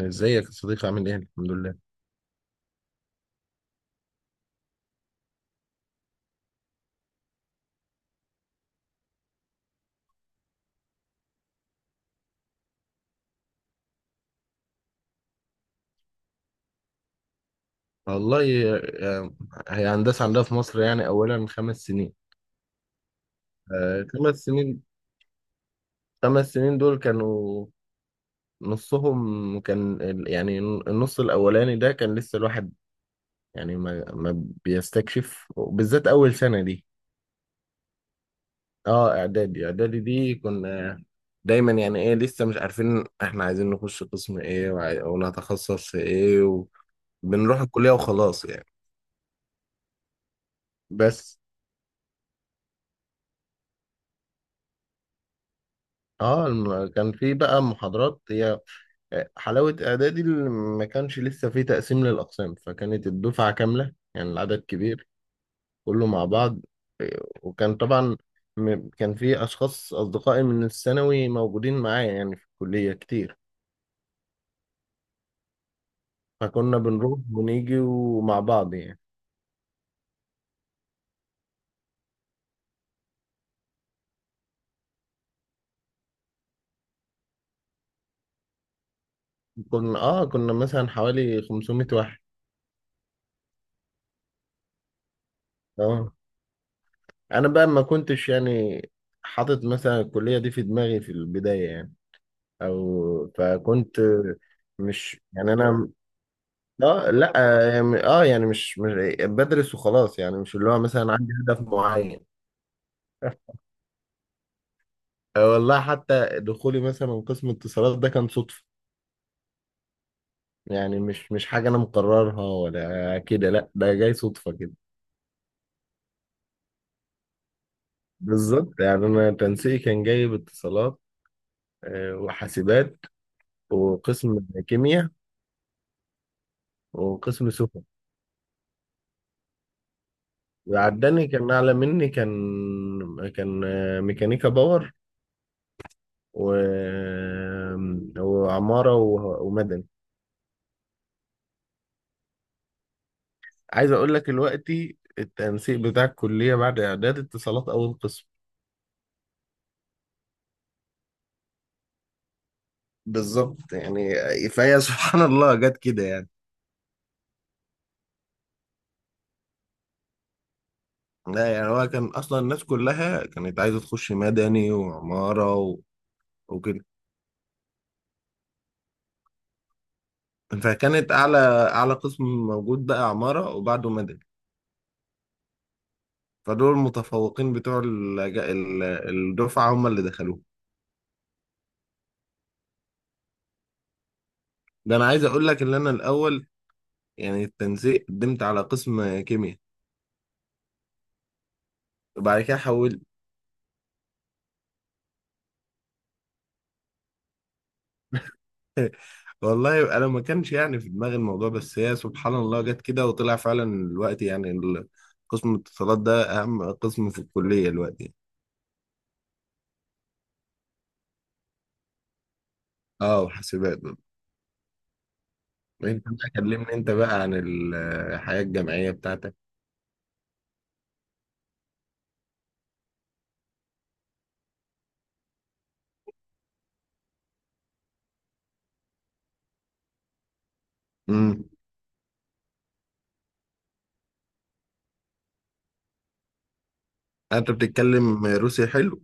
ازيك يا صديقي، عامل ايه؟ الحمد لله. والله هي هندسة عندها في مصر، يعني أولا خمس سنين. خمس سنين. خمس سنين دول كانوا نصهم كان يعني النص الأولاني ده كان لسه الواحد يعني ما بيستكشف، بالذات أول سنة دي. اه إعدادي دي كنا دايما يعني ايه لسه مش عارفين احنا عايزين نخش قسم ايه ونتخصص في ايه، وبنروح الكلية وخلاص يعني. بس كان في بقى محاضرات هي. حلاوة اعدادي اللي ما كانش لسه في تقسيم للاقسام، فكانت الدفعة كاملة يعني العدد كبير، كله مع بعض. وكان طبعا كان في اشخاص اصدقائي من الثانوي موجودين معايا يعني في الكلية كتير، فكنا بنروح ونيجي ومع بعض يعني. كنا مثلا حوالي 500 واحد. اه، انا بقى ما كنتش يعني حاطط مثلا الكلية دي في دماغي في البداية يعني، او فكنت مش يعني انا. اه لا يعني اه يعني مش مش بدرس وخلاص يعني، مش اللي هو مثلا عندي هدف معين. والله حتى دخولي مثلا قسم اتصالات ده كان صدفة يعني، مش حاجة انا مقررها ولا كده، لا ده جاي صدفة كده. بالظبط يعني انا تنسيقي كان جايب اتصالات، وحاسبات وقسم كيمياء وقسم سفن، وعداني كان اعلى مني، كان ميكانيكا باور و... وعمارة ومدني. عايز أقول لك دلوقتي التنسيق بتاع الكلية بعد إعداد اتصالات أول قسم. بالظبط يعني، فهي سبحان الله جت كده يعني. لا يعني، هو كان أصلا الناس كلها كانت عايزة تخش مدني وعمارة وكده. فكانت أعلى قسم موجود بقى عمارة وبعده مدني، فدول المتفوقين بتوع الدفعة هم اللي دخلوه. ده أنا عايز أقول لك إن أنا الأول يعني التنسيق قدمت على قسم كيمياء وبعد كده حول. والله انا ما كانش يعني في دماغي الموضوع، بس هي سبحان الله جت كده وطلع فعلا الوقت يعني قسم الاتصالات ده اهم قسم في الكلية الوقت يعني. اه، وحاسبات برضه. انت بقى كلمني انت بقى عن الحياة الجامعية بتاعتك. امم، انت بتتكلم روسي حلو.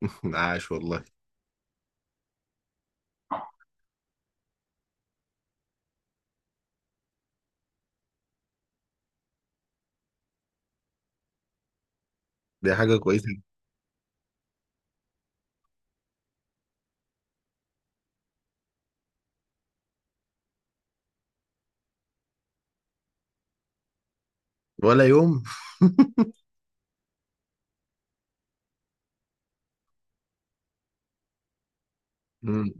عاش والله. دي حاجة كويسة. ولا يوم. امم،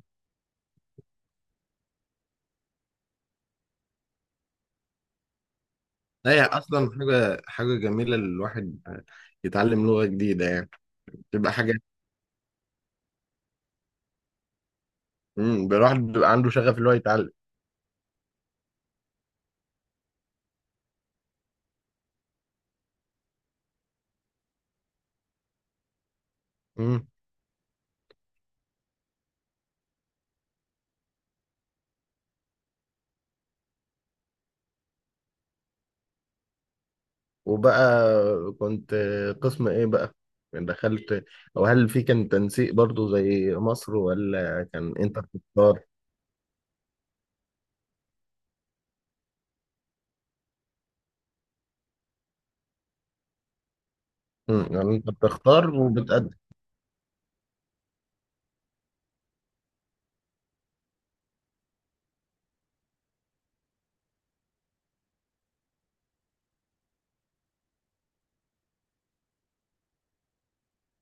هي اصلا حاجة جميلة الواحد يتعلم لغة جديدة يعني، تبقى حاجة. امم، الواحد بيبقى عنده شغف اللي هو يتعلم. مم. وبقى كنت قسم ايه بقى يعني دخلت، او هل في كان تنسيق برضو زي مصر، ولا كان انت بتختار؟ مم. يعني انت بتختار وبتقدم.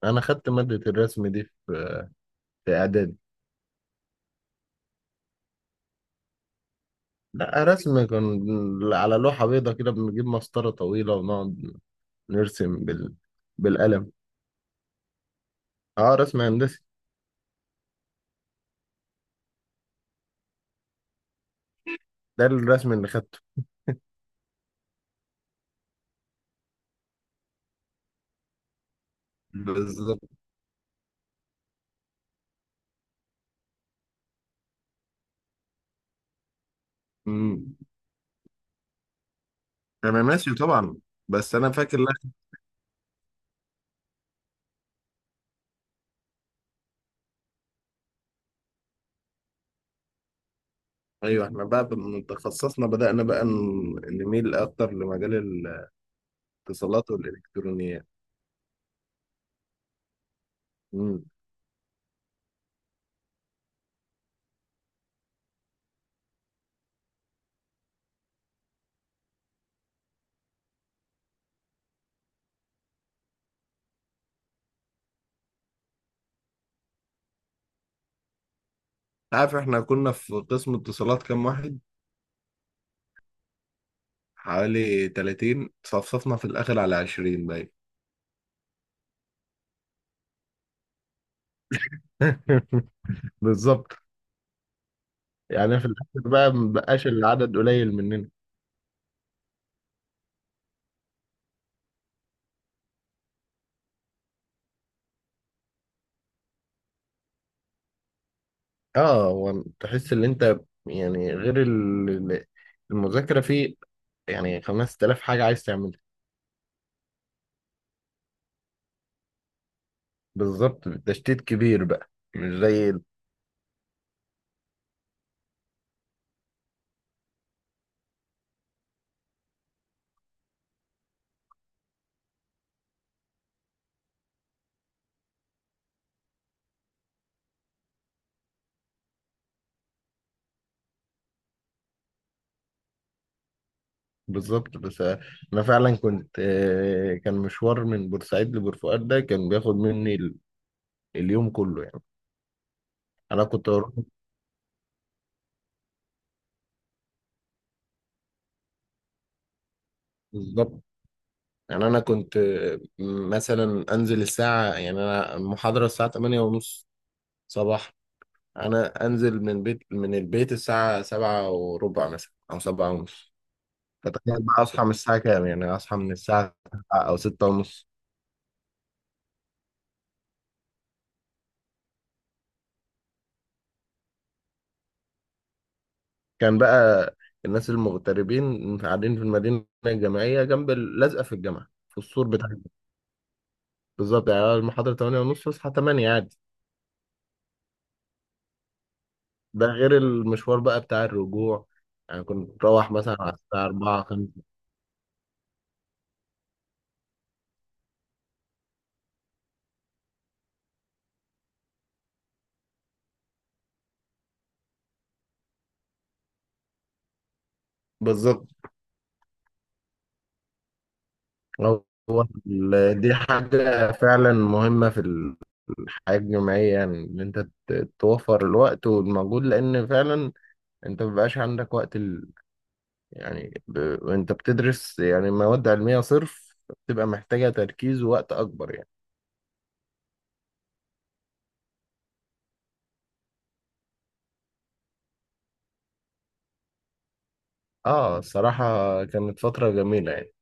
انا خدت مادة الرسم دي في اعدادي. لا، رسم كان على لوحة بيضاء كده، بنجيب مسطرة طويلة ونقعد نرسم بالقلم. اه، رسم هندسي. ده الرسم اللي خدته. بالظبط. مم. انا ناسي طبعا، بس انا فاكر. ايوه، احنا بعد ما تخصصنا بدأنا بقى نميل اكتر لمجال الاتصالات والالكترونيات. امم. عارف احنا كنا في قسم اتصالات كام واحد؟ حوالي 30 صفصفنا في الاخر على 20 باين. بالظبط يعني في الاخر بقى مبقاش العدد قليل مننا. اه، هو تحس ان انت يعني غير المذاكره في يعني 5000 حاجه عايز تعملها. بالظبط، تشتيت كبير بقى مش زي. بالظبط. بس انا فعلا كنت، كان مشوار من بورسعيد لبورفؤاد ده كان بياخد مني اليوم كله يعني. انا كنت بروح. بالظبط يعني انا كنت مثلا انزل الساعه، يعني انا المحاضره الساعه 8 ونص صباح، انا انزل من بيت من البيت الساعه 7 وربع مثلا او 7 ونص، فتخيل بقى اصحى من الساعه كام، يعني اصحى من الساعه 7 او 6 ونص. كان بقى الناس المغتربين قاعدين في المدينة الجامعية، جنب لازقة في الجامعة في السور بتاعها. بالظبط يعني المحاضرة 8 ونص تصحى 8 عادي. ده غير المشوار بقى بتاع الرجوع، يعني كنت بروح مثلا على الساعة 4 5. بالظبط. أو دي حاجة فعلا مهمة في الحياة الجامعية يعني إن أنت توفر الوقت والمجهود، لأن فعلا أنت مبيبقاش عندك وقت يعني وانت بتدرس يعني مواد علمية صرف، بتبقى محتاجة تركيز ووقت أكبر يعني. اه، الصراحة كانت فترة جميلة يعني،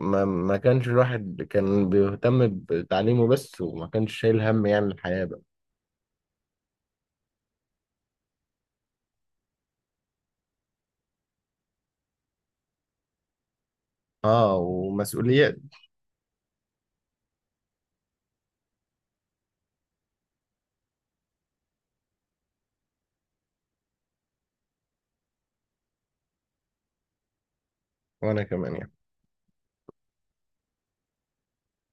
ما كانش الواحد كان بيهتم بتعليمه بس، وما كانش شايل هم يعني الحياة بقى. اه، ومسؤوليات. وأنا كمان يعني.